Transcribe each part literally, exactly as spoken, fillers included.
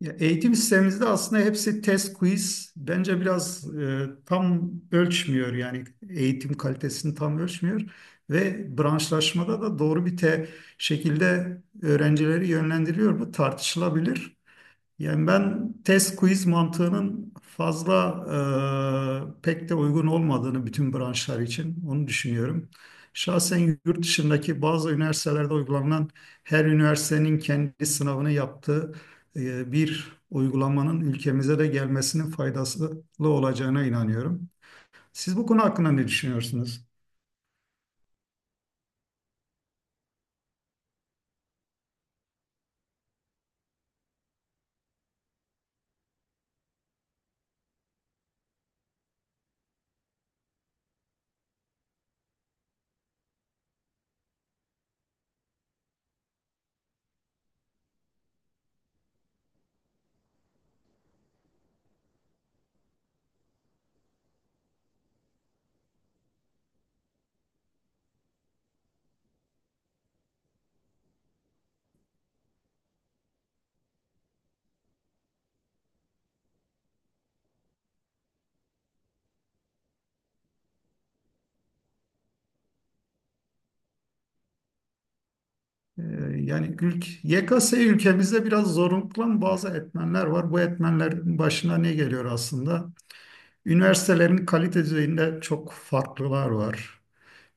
Ya eğitim sistemimizde aslında hepsi test quiz. Bence biraz e, tam ölçmüyor yani eğitim kalitesini tam ölçmüyor ve branşlaşmada da doğru bir te şekilde öğrencileri yönlendiriyor. Bu tartışılabilir. Yani ben test quiz mantığının fazla e, pek de uygun olmadığını bütün branşlar için onu düşünüyorum. Şahsen yurt dışındaki bazı üniversitelerde uygulanan her üniversitenin kendi sınavını yaptığı e, bir uygulamanın ülkemize de gelmesinin faydalı olacağına inanıyorum. Siz bu konu hakkında ne düşünüyorsunuz? E, yani ülk, Y K S ülkemizde biraz zorunlu bazı etmenler var. Bu etmenlerin başına ne geliyor aslında? Üniversitelerin kalite düzeyinde çok farklılar var.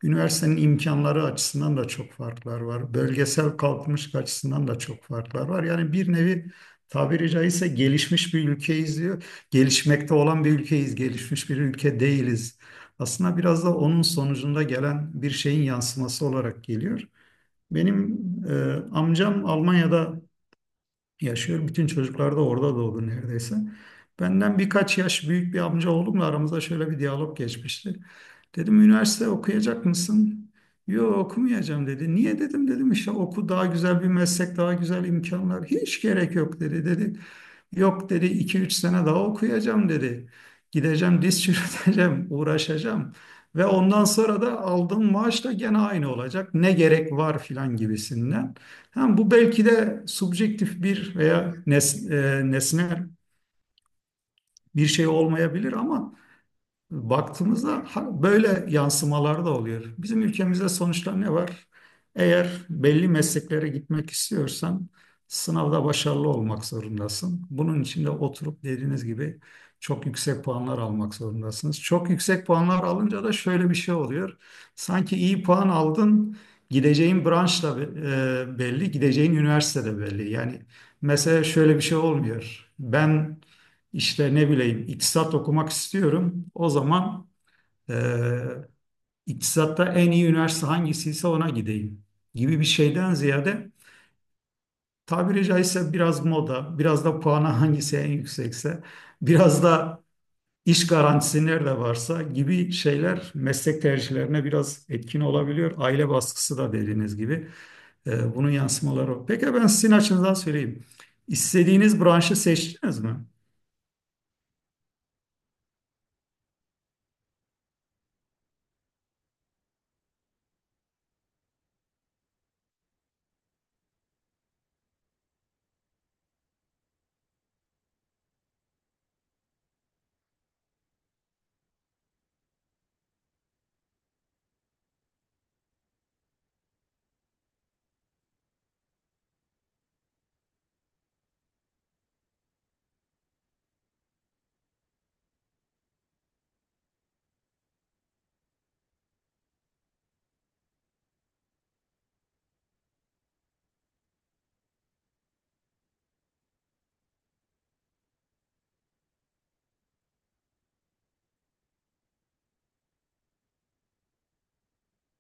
Üniversitenin imkanları açısından da çok farklar var. Bölgesel kalkınmışlık açısından da çok farklar var. Yani bir nevi tabiri caizse gelişmiş bir ülkeyiz diyor. Gelişmekte olan bir ülkeyiz, gelişmiş bir ülke değiliz. Aslında biraz da onun sonucunda gelen bir şeyin yansıması olarak geliyor. Benim e, amcam Almanya'da yaşıyor. Bütün çocuklar da orada doğdu neredeyse. Benden birkaç yaş büyük bir amca oğlumla aramızda şöyle bir diyalog geçmişti. Dedim üniversite okuyacak mısın? Yok okumayacağım dedi. Niye dedim dedim işte oku daha güzel bir meslek, daha güzel imkanlar. Hiç gerek yok dedi dedi. Yok dedi iki üç sene daha okuyacağım dedi. Gideceğim diz çürüteceğim, uğraşacağım. Ve ondan sonra da aldığım maaş da gene aynı olacak. Ne gerek var filan gibisinden. Ha, bu belki de subjektif bir veya nes e, nesnel bir şey olmayabilir ama baktığımızda ha- böyle yansımalar da oluyor. Bizim ülkemizde sonuçta ne var? Eğer belli mesleklere gitmek istiyorsan sınavda başarılı olmak zorundasın. Bunun için de oturup dediğiniz gibi çok yüksek puanlar almak zorundasınız. Çok yüksek puanlar alınca da şöyle bir şey oluyor. Sanki iyi puan aldın, gideceğin branş da e, belli, gideceğin üniversite de belli. Yani mesela şöyle bir şey olmuyor. Ben işte ne bileyim iktisat okumak istiyorum. O zaman e, iktisatta en iyi üniversite hangisiyse ona gideyim gibi bir şeyden ziyade tabiri caizse biraz moda, biraz da puanı hangisi en yüksekse, biraz da iş garantisi nerede varsa gibi şeyler meslek tercihlerine biraz etkin olabiliyor. Aile baskısı da dediğiniz gibi e, bunun yansımaları. O. Peki ben sizin açınızdan söyleyeyim. İstediğiniz branşı seçtiniz mi?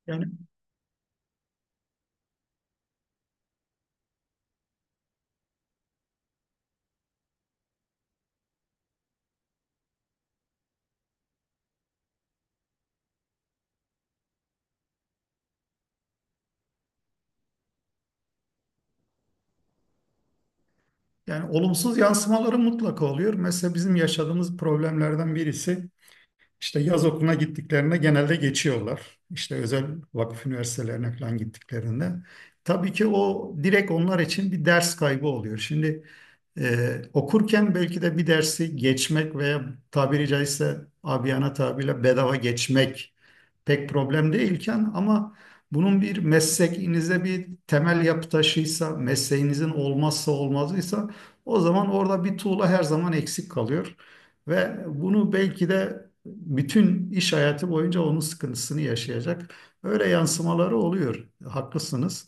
Yani yani olumsuz yansımaları mutlaka oluyor. Mesela bizim yaşadığımız problemlerden birisi işte yaz okuluna gittiklerinde genelde geçiyorlar. İşte özel vakıf üniversitelerine falan gittiklerinde. Tabii ki o direkt onlar için bir ders kaybı oluyor. Şimdi e, okurken belki de bir dersi geçmek veya tabiri caizse abiyana tabirle bedava geçmek pek problem değilken ama bunun bir mesleğinize bir temel yapı taşıysa, mesleğinizin olmazsa olmazıysa o zaman orada bir tuğla her zaman eksik kalıyor. Ve bunu belki de bütün iş hayatı boyunca onun sıkıntısını yaşayacak. Öyle yansımaları oluyor. Haklısınız.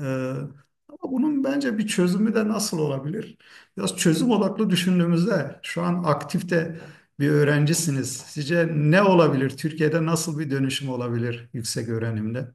Ee, ama bunun bence bir çözümü de nasıl olabilir? Biraz çözüm odaklı düşündüğümüzde şu an aktifte bir öğrencisiniz. Sizce ne olabilir? Türkiye'de nasıl bir dönüşüm olabilir yüksek öğrenimde?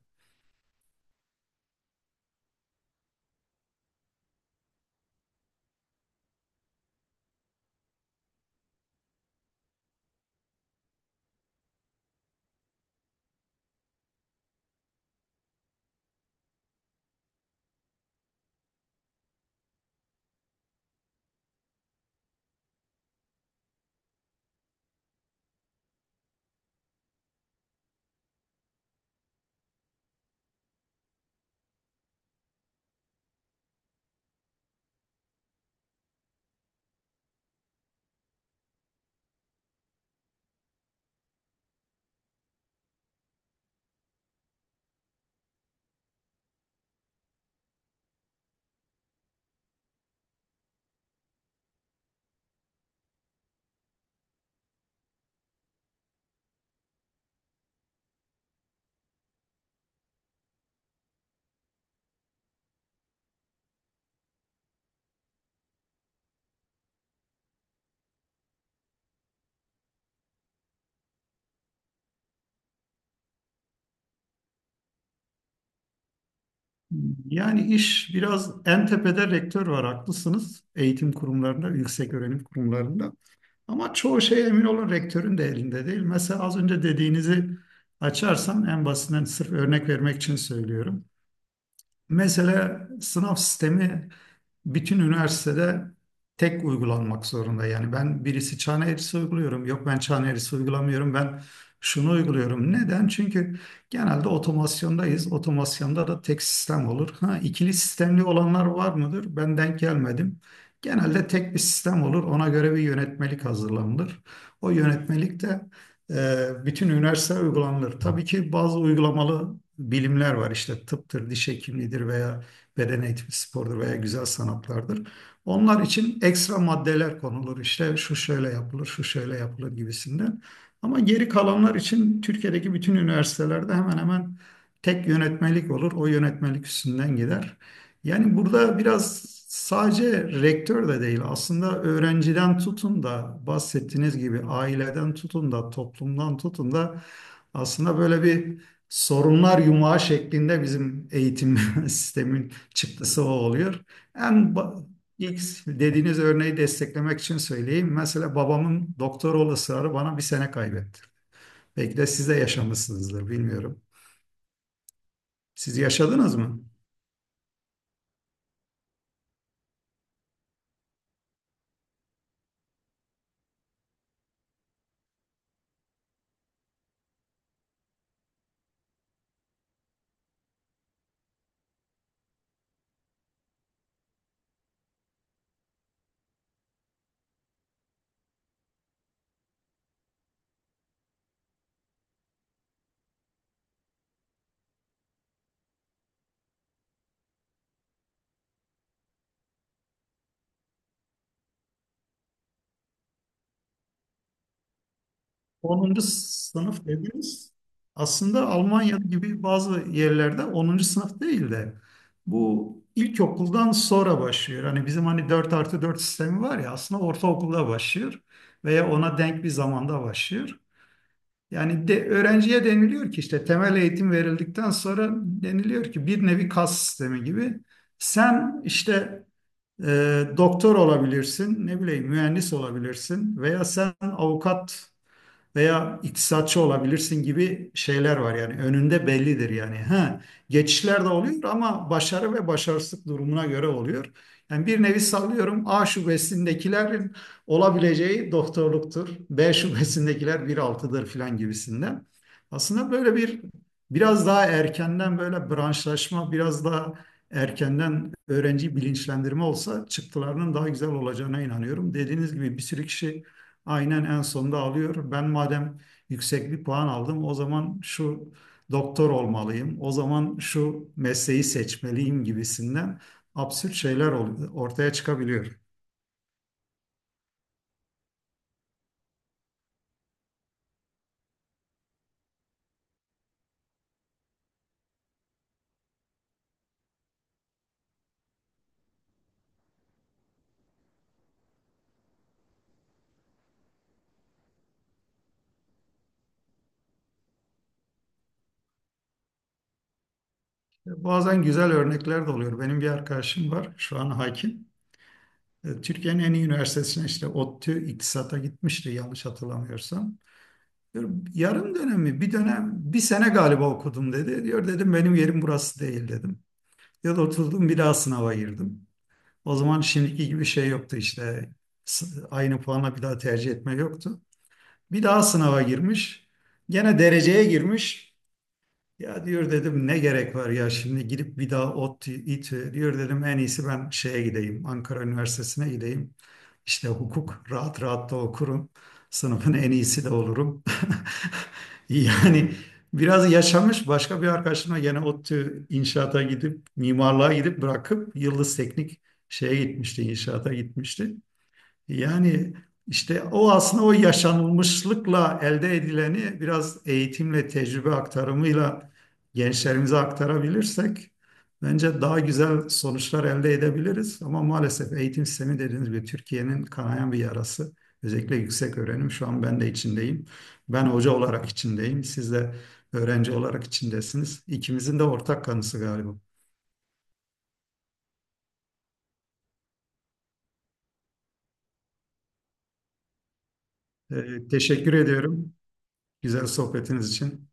Yani iş biraz en tepede rektör var haklısınız. Eğitim kurumlarında, yüksek öğrenim kurumlarında. Ama çoğu şey emin olun rektörün de elinde değil. Mesela az önce dediğinizi açarsam en basitinden sırf örnek vermek için söylüyorum. Mesela sınav sistemi bütün üniversitede tek uygulanmak zorunda. Yani ben birisi çan eğrisi uyguluyorum. Yok ben çan eğrisi uygulamıyorum. Ben şunu uyguluyorum. Neden? Çünkü genelde otomasyondayız. Otomasyonda da tek sistem olur. Ha, ikili sistemli olanlar var mıdır? Ben denk gelmedim. Genelde tek bir sistem olur. Ona göre bir yönetmelik hazırlanılır. O yönetmelik de e, bütün üniversite uygulanır. Tabii ki bazı uygulamalı bilimler var işte tıptır, diş hekimliğidir veya beden eğitimi spordur veya güzel sanatlardır. Onlar için ekstra maddeler konulur işte şu şöyle yapılır, şu şöyle yapılır gibisinden. Ama geri kalanlar için Türkiye'deki bütün üniversitelerde hemen hemen tek yönetmelik olur. O yönetmelik üstünden gider. Yani burada biraz sadece rektör de değil aslında öğrenciden tutun da bahsettiğiniz gibi aileden tutun da toplumdan tutun da aslında böyle bir sorunlar yumağı şeklinde bizim eğitim sistemi çıktısı o oluyor. En ba- ilk dediğiniz örneği desteklemek için söyleyeyim. Mesela babamın doktor ol ısrarı bana bir sene kaybetti. Belki de siz de yaşamışsınızdır bilmiyorum. Siz yaşadınız mı? Onuncu sınıf dediniz. Aslında Almanya gibi bazı yerlerde onuncu sınıf değil de bu ilkokuldan sonra başlıyor. Hani bizim hani dört artı dört sistemi var ya aslında ortaokulda başlıyor veya ona denk bir zamanda başlıyor. Yani de, öğrenciye deniliyor ki işte temel eğitim verildikten sonra deniliyor ki bir nevi kas sistemi gibi. Sen işte e, doktor olabilirsin, ne bileyim mühendis olabilirsin veya sen avukat veya iktisatçı olabilirsin gibi şeyler var yani önünde bellidir yani. Ha, geçişler de oluyor ama başarı ve başarısızlık durumuna göre oluyor. Yani bir nevi sallıyorum A şubesindekilerin olabileceği doktorluktur. B şubesindekiler bir altıdır filan gibisinden. Aslında böyle bir biraz daha erkenden böyle branşlaşma, biraz daha erkenden öğrenci bilinçlendirme olsa çıktılarının daha güzel olacağına inanıyorum. Dediğiniz gibi bir sürü kişi aynen en sonunda alıyor. Ben madem yüksek bir puan aldım, o zaman şu doktor olmalıyım, o zaman şu mesleği seçmeliyim gibisinden absürt şeyler ol- ortaya çıkabiliyor. Bazen güzel örnekler de oluyor. Benim bir arkadaşım var, şu an hakim. E, Türkiye'nin en iyi üniversitesine işte ODTÜ İktisat'a gitmişti yanlış hatırlamıyorsam. Diyor, yarım dönem mi? Bir dönem, bir sene galiba okudum dedi. Diyor dedim benim yerim burası değil dedim. Ya da oturdum bir daha sınava girdim. O zaman şimdiki gibi şey yoktu işte. S- Aynı puana bir daha tercih etme yoktu. Bir daha sınava girmiş. Gene dereceye girmiş. Ya diyor dedim ne gerek var ya şimdi gidip bir daha ODTÜ, İTÜ diyor dedim en iyisi ben şeye gideyim Ankara Üniversitesi'ne gideyim. İşte hukuk rahat rahat da okurum. Sınıfın en iyisi de olurum. Yani biraz yaşamış başka bir arkadaşımla gene ODTÜ inşaata gidip mimarlığa gidip bırakıp Yıldız Teknik şeye gitmişti inşaata gitmişti. Yani işte o aslında o yaşanılmışlıkla elde edileni biraz eğitimle, tecrübe aktarımıyla gençlerimize aktarabilirsek bence daha güzel sonuçlar elde edebiliriz. Ama maalesef eğitim sistemi dediğiniz gibi Türkiye'nin kanayan bir yarası. Özellikle yüksek öğrenim şu an ben de içindeyim. Ben hoca olarak içindeyim. Siz de öğrenci olarak içindesiniz. İkimizin de ortak kanısı galiba. Ee, teşekkür ediyorum güzel sohbetiniz için.